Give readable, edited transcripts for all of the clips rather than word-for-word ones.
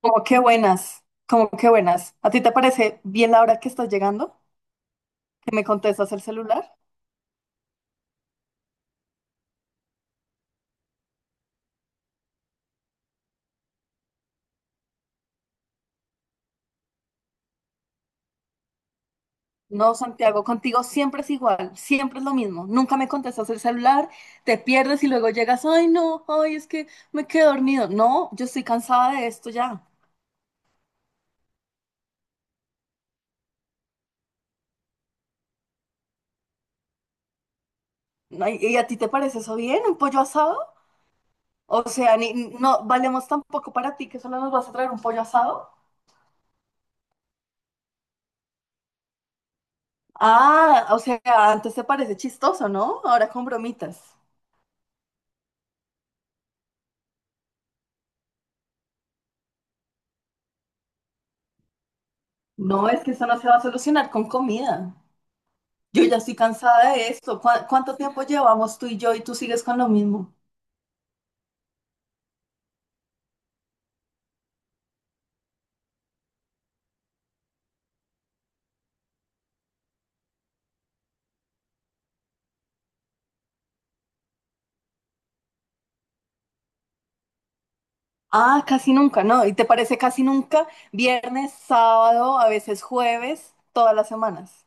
Como que buenas, como que buenas. ¿A ti te parece bien la hora que estás llegando? ¿Que me contestas el celular? No, Santiago, contigo siempre es igual, siempre es lo mismo. Nunca me contestas el celular, te pierdes y luego llegas, ay no, ay es que me quedé dormido. No, yo estoy cansada de esto ya. Ay, ¿Y a ti te parece eso bien, un pollo asado? O sea, ni, no valemos tampoco para ti que solo nos vas a traer un pollo asado. Ah, o sea, antes te parece chistoso, ¿no? Ahora con bromitas. No, es que eso no se va a solucionar con comida. Yo ya estoy cansada de esto. ¿Cuánto tiempo llevamos tú y yo y tú sigues con lo mismo? Ah, casi nunca, ¿no? ¿Y te parece casi nunca? Viernes, sábado, a veces jueves, todas las semanas.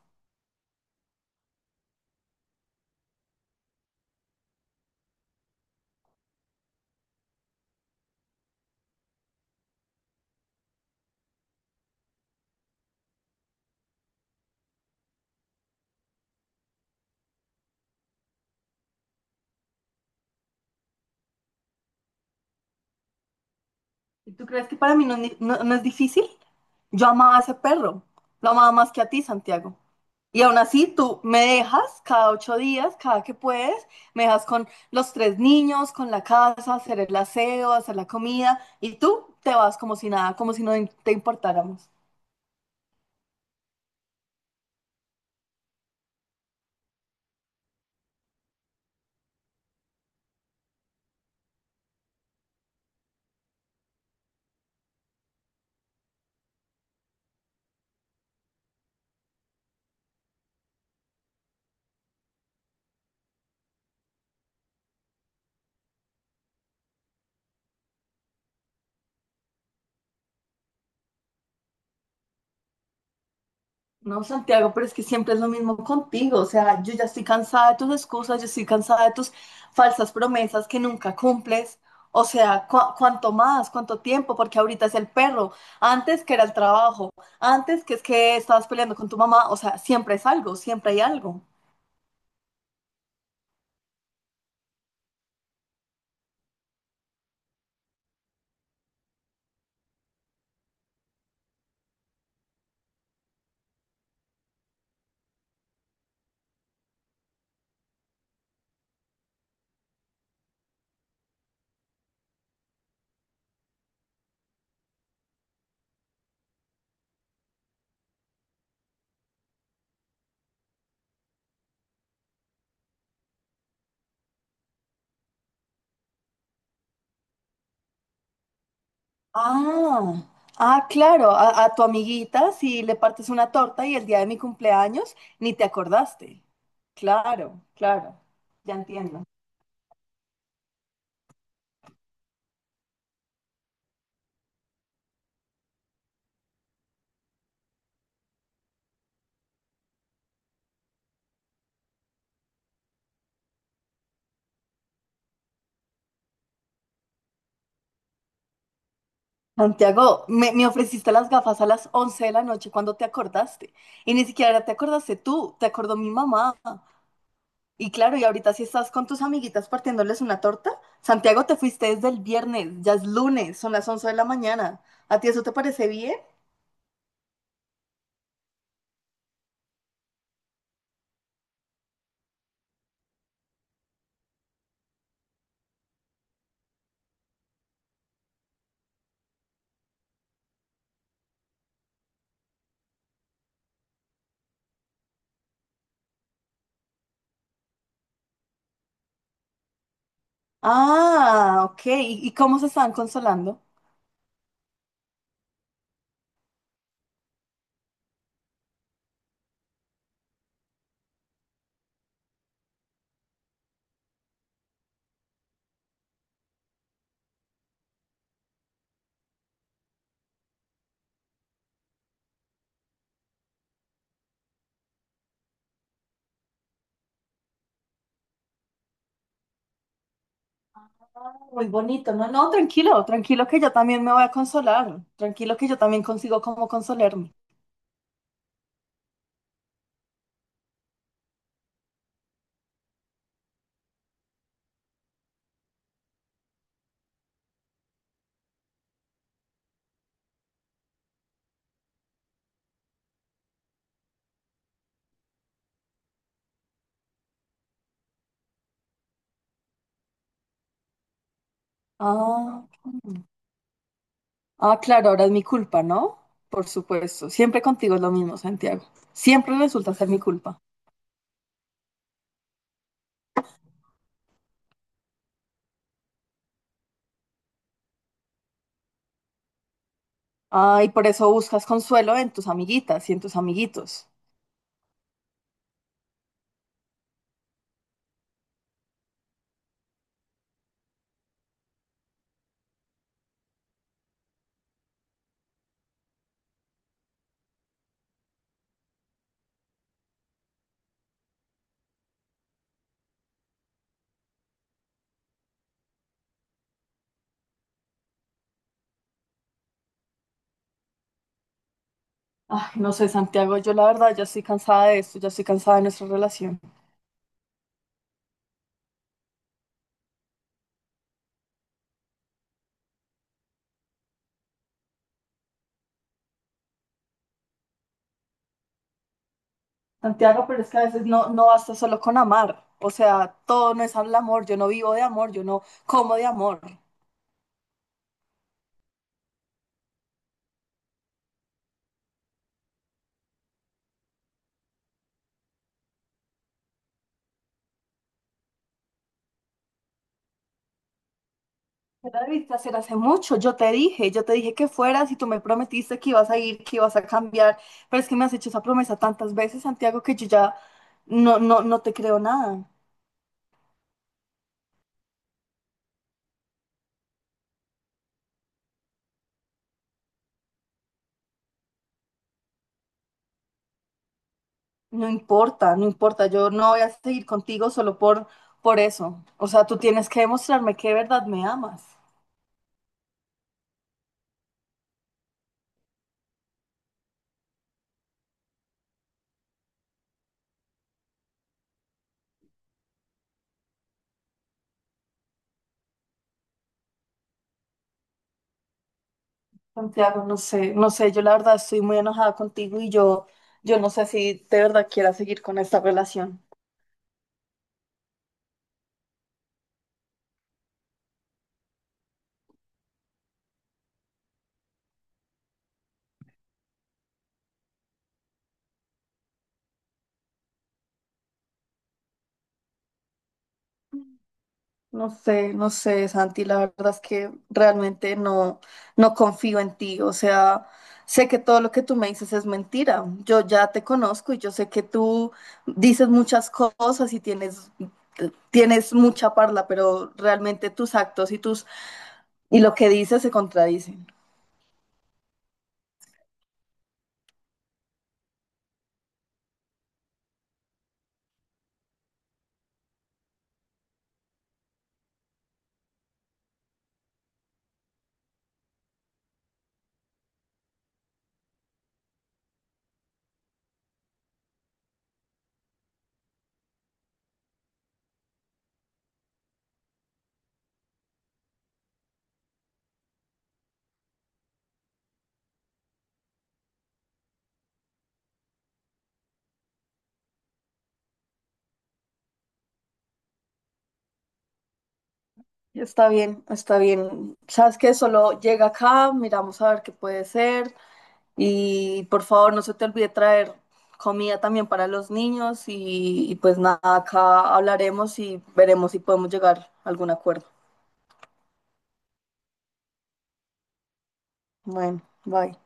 ¿Y tú crees que para mí no es difícil? Yo amaba a ese perro. Lo amaba más que a ti, Santiago. Y aún así, tú me dejas cada 8 días, cada que puedes, me dejas con los tres niños, con la casa, hacer el aseo, hacer la comida, y tú te vas como si nada, como si no te importáramos. No, Santiago, pero es que siempre es lo mismo contigo. O sea, yo ya estoy cansada de tus excusas, yo estoy cansada de tus falsas promesas que nunca cumples. O sea, ¿cuánto más? ¿Cuánto tiempo? Porque ahorita es el perro, antes que era el trabajo, antes que es que estabas peleando con tu mamá. O sea, siempre es algo, siempre hay algo. Ah, ah, claro, a tu amiguita si le partes una torta y el día de mi cumpleaños ni te acordaste. Claro, claro, ya entiendo. Santiago, me ofreciste las gafas a las 11 de la noche cuando te acordaste. Y ni siquiera te acordaste tú, te acordó mi mamá. Y claro, y ahorita si estás con tus amiguitas partiéndoles una torta, Santiago, te fuiste desde el viernes, ya es lunes, son las 11 de la mañana. ¿A ti eso te parece bien? Ah, ok. Y cómo se estaban consolando? Muy bonito, no, no, tranquilo, tranquilo que yo también me voy a consolar, tranquilo que yo también consigo cómo consolarme. Ah, ah, claro, ahora es mi culpa, ¿no? Por supuesto, siempre contigo es lo mismo, Santiago, siempre resulta ser mi culpa. Ah, y por eso buscas consuelo en tus amiguitas y en tus amiguitos. Ay, no sé, Santiago, yo la verdad ya estoy cansada de esto, ya estoy cansada de nuestra relación. Santiago, pero es que a veces no basta solo con amar, o sea, todo no es el amor, yo no vivo de amor, yo no como de amor. Yo la debiste hacer hace mucho, yo te dije que fueras y tú me prometiste que ibas a ir, que ibas a cambiar, pero es que me has hecho esa promesa tantas veces, Santiago, que yo ya no te creo nada. No importa, no importa, yo no voy a seguir contigo solo por eso. O sea, tú tienes que demostrarme que de verdad me amas. Santiago, no sé, no sé, yo la verdad estoy muy enojada contigo y yo no sé si de verdad quiera seguir con esta relación. No sé, no sé, Santi, la verdad es que realmente no confío en ti. O sea, sé que todo lo que tú me dices es mentira. Yo ya te conozco y yo sé que tú dices muchas cosas y tienes mucha parla, pero realmente tus actos y lo que dices se contradicen. Está bien, está bien. Sabes que solo llega acá, miramos a ver qué puede ser. Y por favor, no se te olvide traer comida también para los niños y pues nada, acá hablaremos y veremos si podemos llegar a algún acuerdo. Bueno, bye.